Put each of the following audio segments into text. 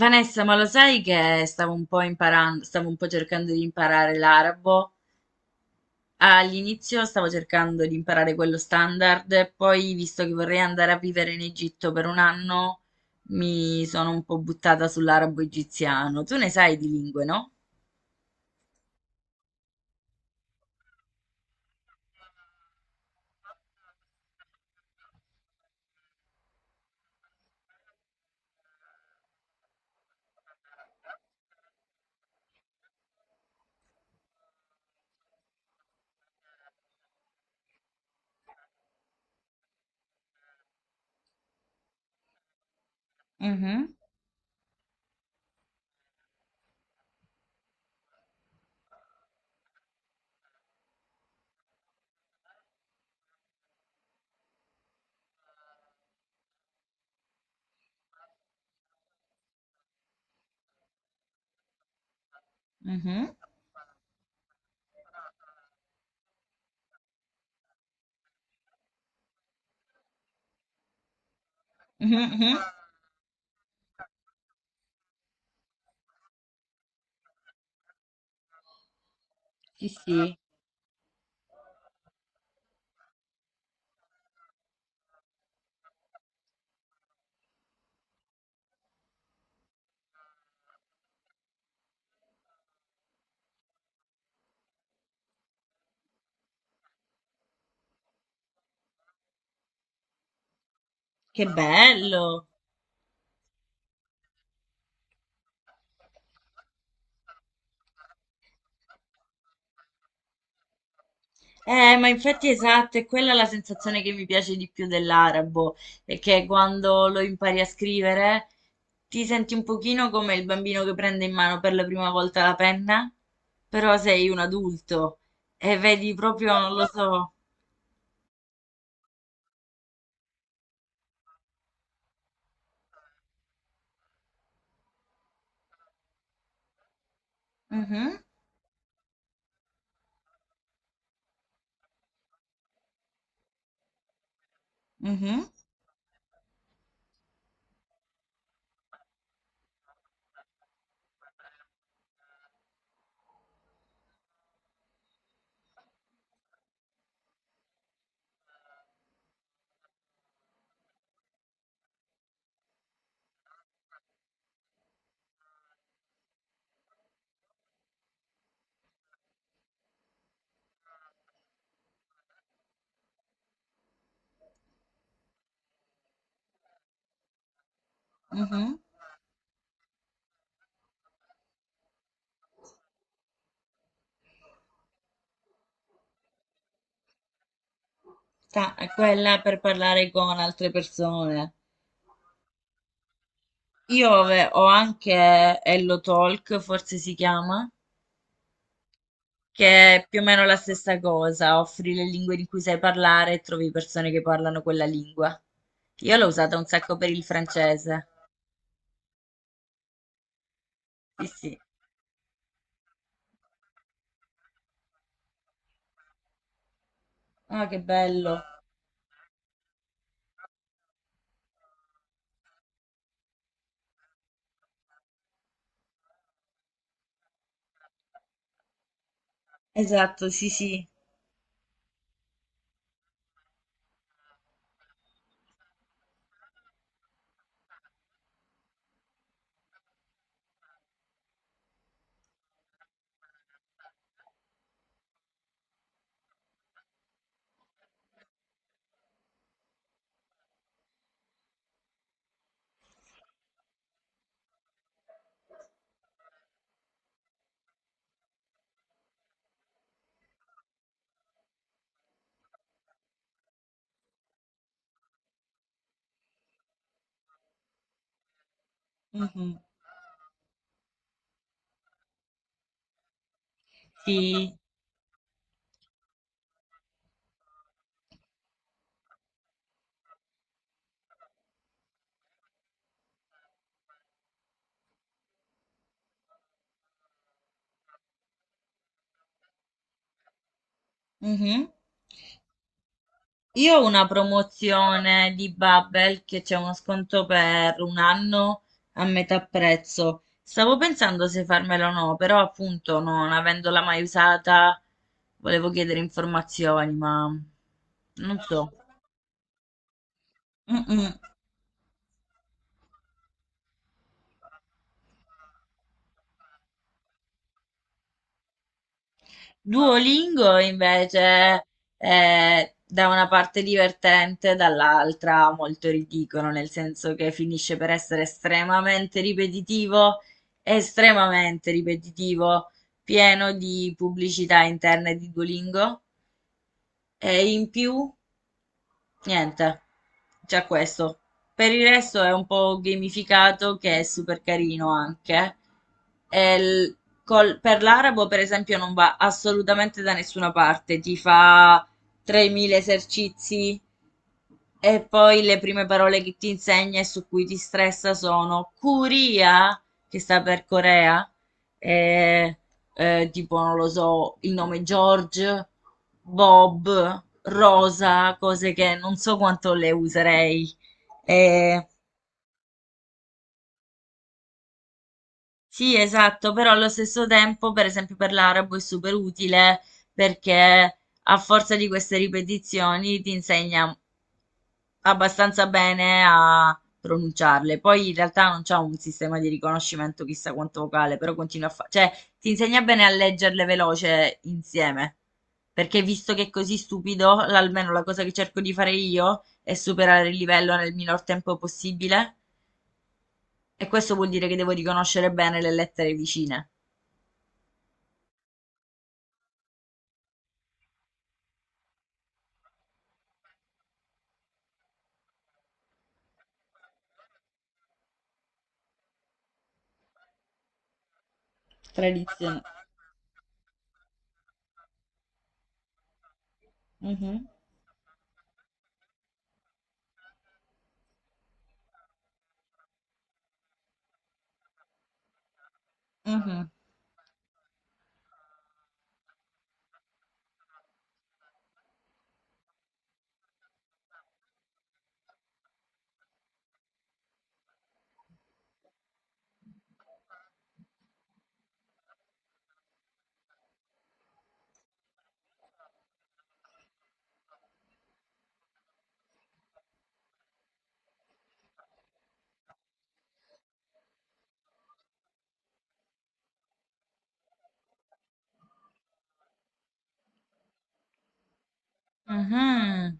Vanessa, ma lo sai che stavo un po' imparando, stavo un po' cercando di imparare l'arabo. All'inizio stavo cercando di imparare quello standard, poi visto che vorrei andare a vivere in Egitto per un anno, mi sono un po' buttata sull'arabo egiziano. Tu ne sai di lingue, no? Mhm, mhm, mhm, mhm. Sì, sì, che bello! Ma infatti esatto, è quella la sensazione che mi piace di più dell'arabo, è che quando lo impari a scrivere ti senti un pochino come il bambino che prende in mano per la prima volta la penna, però sei un adulto e vedi proprio, non lo so. Mhm, mhm, mhm. È quella per parlare con altre persone. Ho anche Hello Talk, forse si chiama, che è più o meno la stessa cosa, offri le lingue di cui sai parlare e trovi persone che parlano quella lingua. Io l'ho usata un sacco per il francese. Sì, sì. Ah, che bello. Esatto, sì, sì. Mhm. Sì. Mhm. Io ho una promozione di Babbel che c'è uno sconto per un anno a metà prezzo. Stavo pensando se farmela o no, però appunto non avendola mai usata, volevo chiedere informazioni, ma non so. Mm-mm. Duolingo invece è da una parte divertente, dall'altra molto ridicolo, nel senso che finisce per essere estremamente ripetitivo, pieno di pubblicità interne di Duolingo e in più niente, già questo. Per il resto è un po' gamificato che è super carino anche. E il- per l'arabo, per esempio, non va assolutamente da nessuna parte. Ti fa 3.000 esercizi e poi le prime parole che ti insegna e su cui ti stressa sono Curia, che sta per Corea, e tipo, non lo so, il nome George, Bob, Rosa, cose che non so quanto le userei. Eh, sì, esatto, però allo stesso tempo, per esempio, per l'arabo è super utile perché a forza di queste ripetizioni ti insegna abbastanza bene a pronunciarle. Poi in realtà non c'ha un sistema di riconoscimento chissà quanto vocale, però continua a fare, cioè ti insegna bene a leggerle veloce insieme. Perché visto che è così stupido, almeno la cosa che cerco di fare io è superare il livello nel minor tempo possibile. E questo vuol dire che devo riconoscere bene le lettere vicine. Tradizione. Mhm. Mhm. Mhm.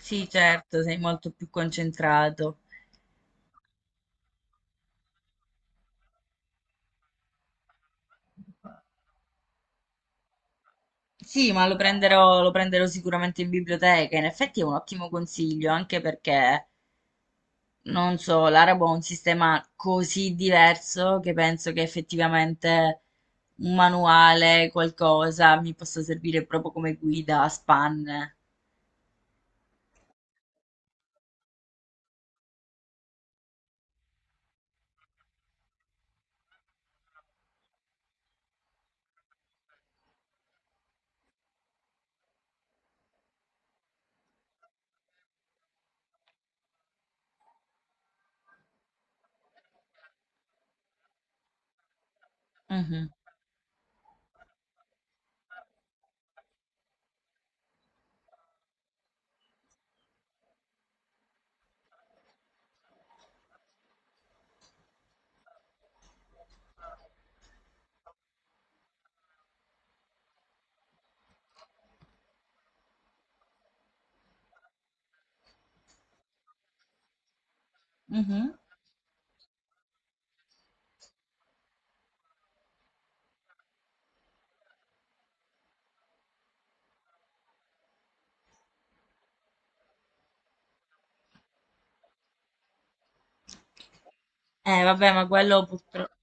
Sì, certo, sei molto più concentrato. Sì, ma lo prenderò sicuramente in biblioteca. In effetti è un ottimo consiglio, anche perché, non so, l'arabo ha un sistema così diverso che penso che effettivamente un manuale, qualcosa, mi possa servire proprio come guida a spanne. Mhm, mhm. Vabbè, ma quello purtroppo...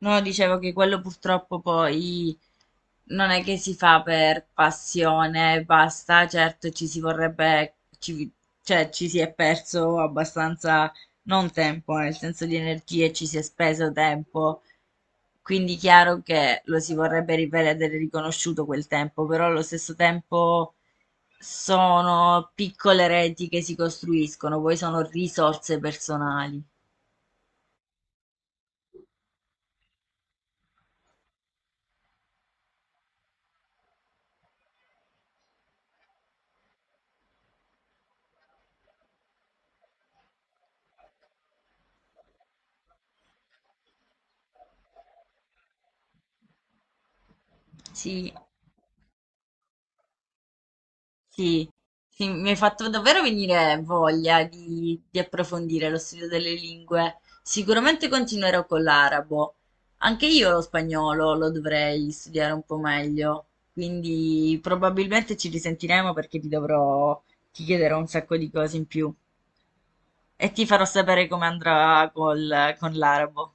No, dicevo che quello purtroppo poi non è che si fa per passione, e basta, certo ci si vorrebbe, ci, cioè ci si è perso abbastanza, non tempo, nel senso di energie, ci si è speso tempo, quindi chiaro che lo si vorrebbe rivedere riconosciuto quel tempo, però allo stesso tempo sono piccole reti che si costruiscono, poi sono risorse personali. Sì, sì, sì, mi hai fatto davvero venire voglia di approfondire lo studio delle lingue. Sicuramente continuerò con l'arabo. Anche io lo spagnolo lo dovrei studiare un po' meglio, quindi probabilmente ci risentiremo perché ti dovrò, ti chiederò un sacco di cose in più e ti farò sapere come andrà con l'arabo.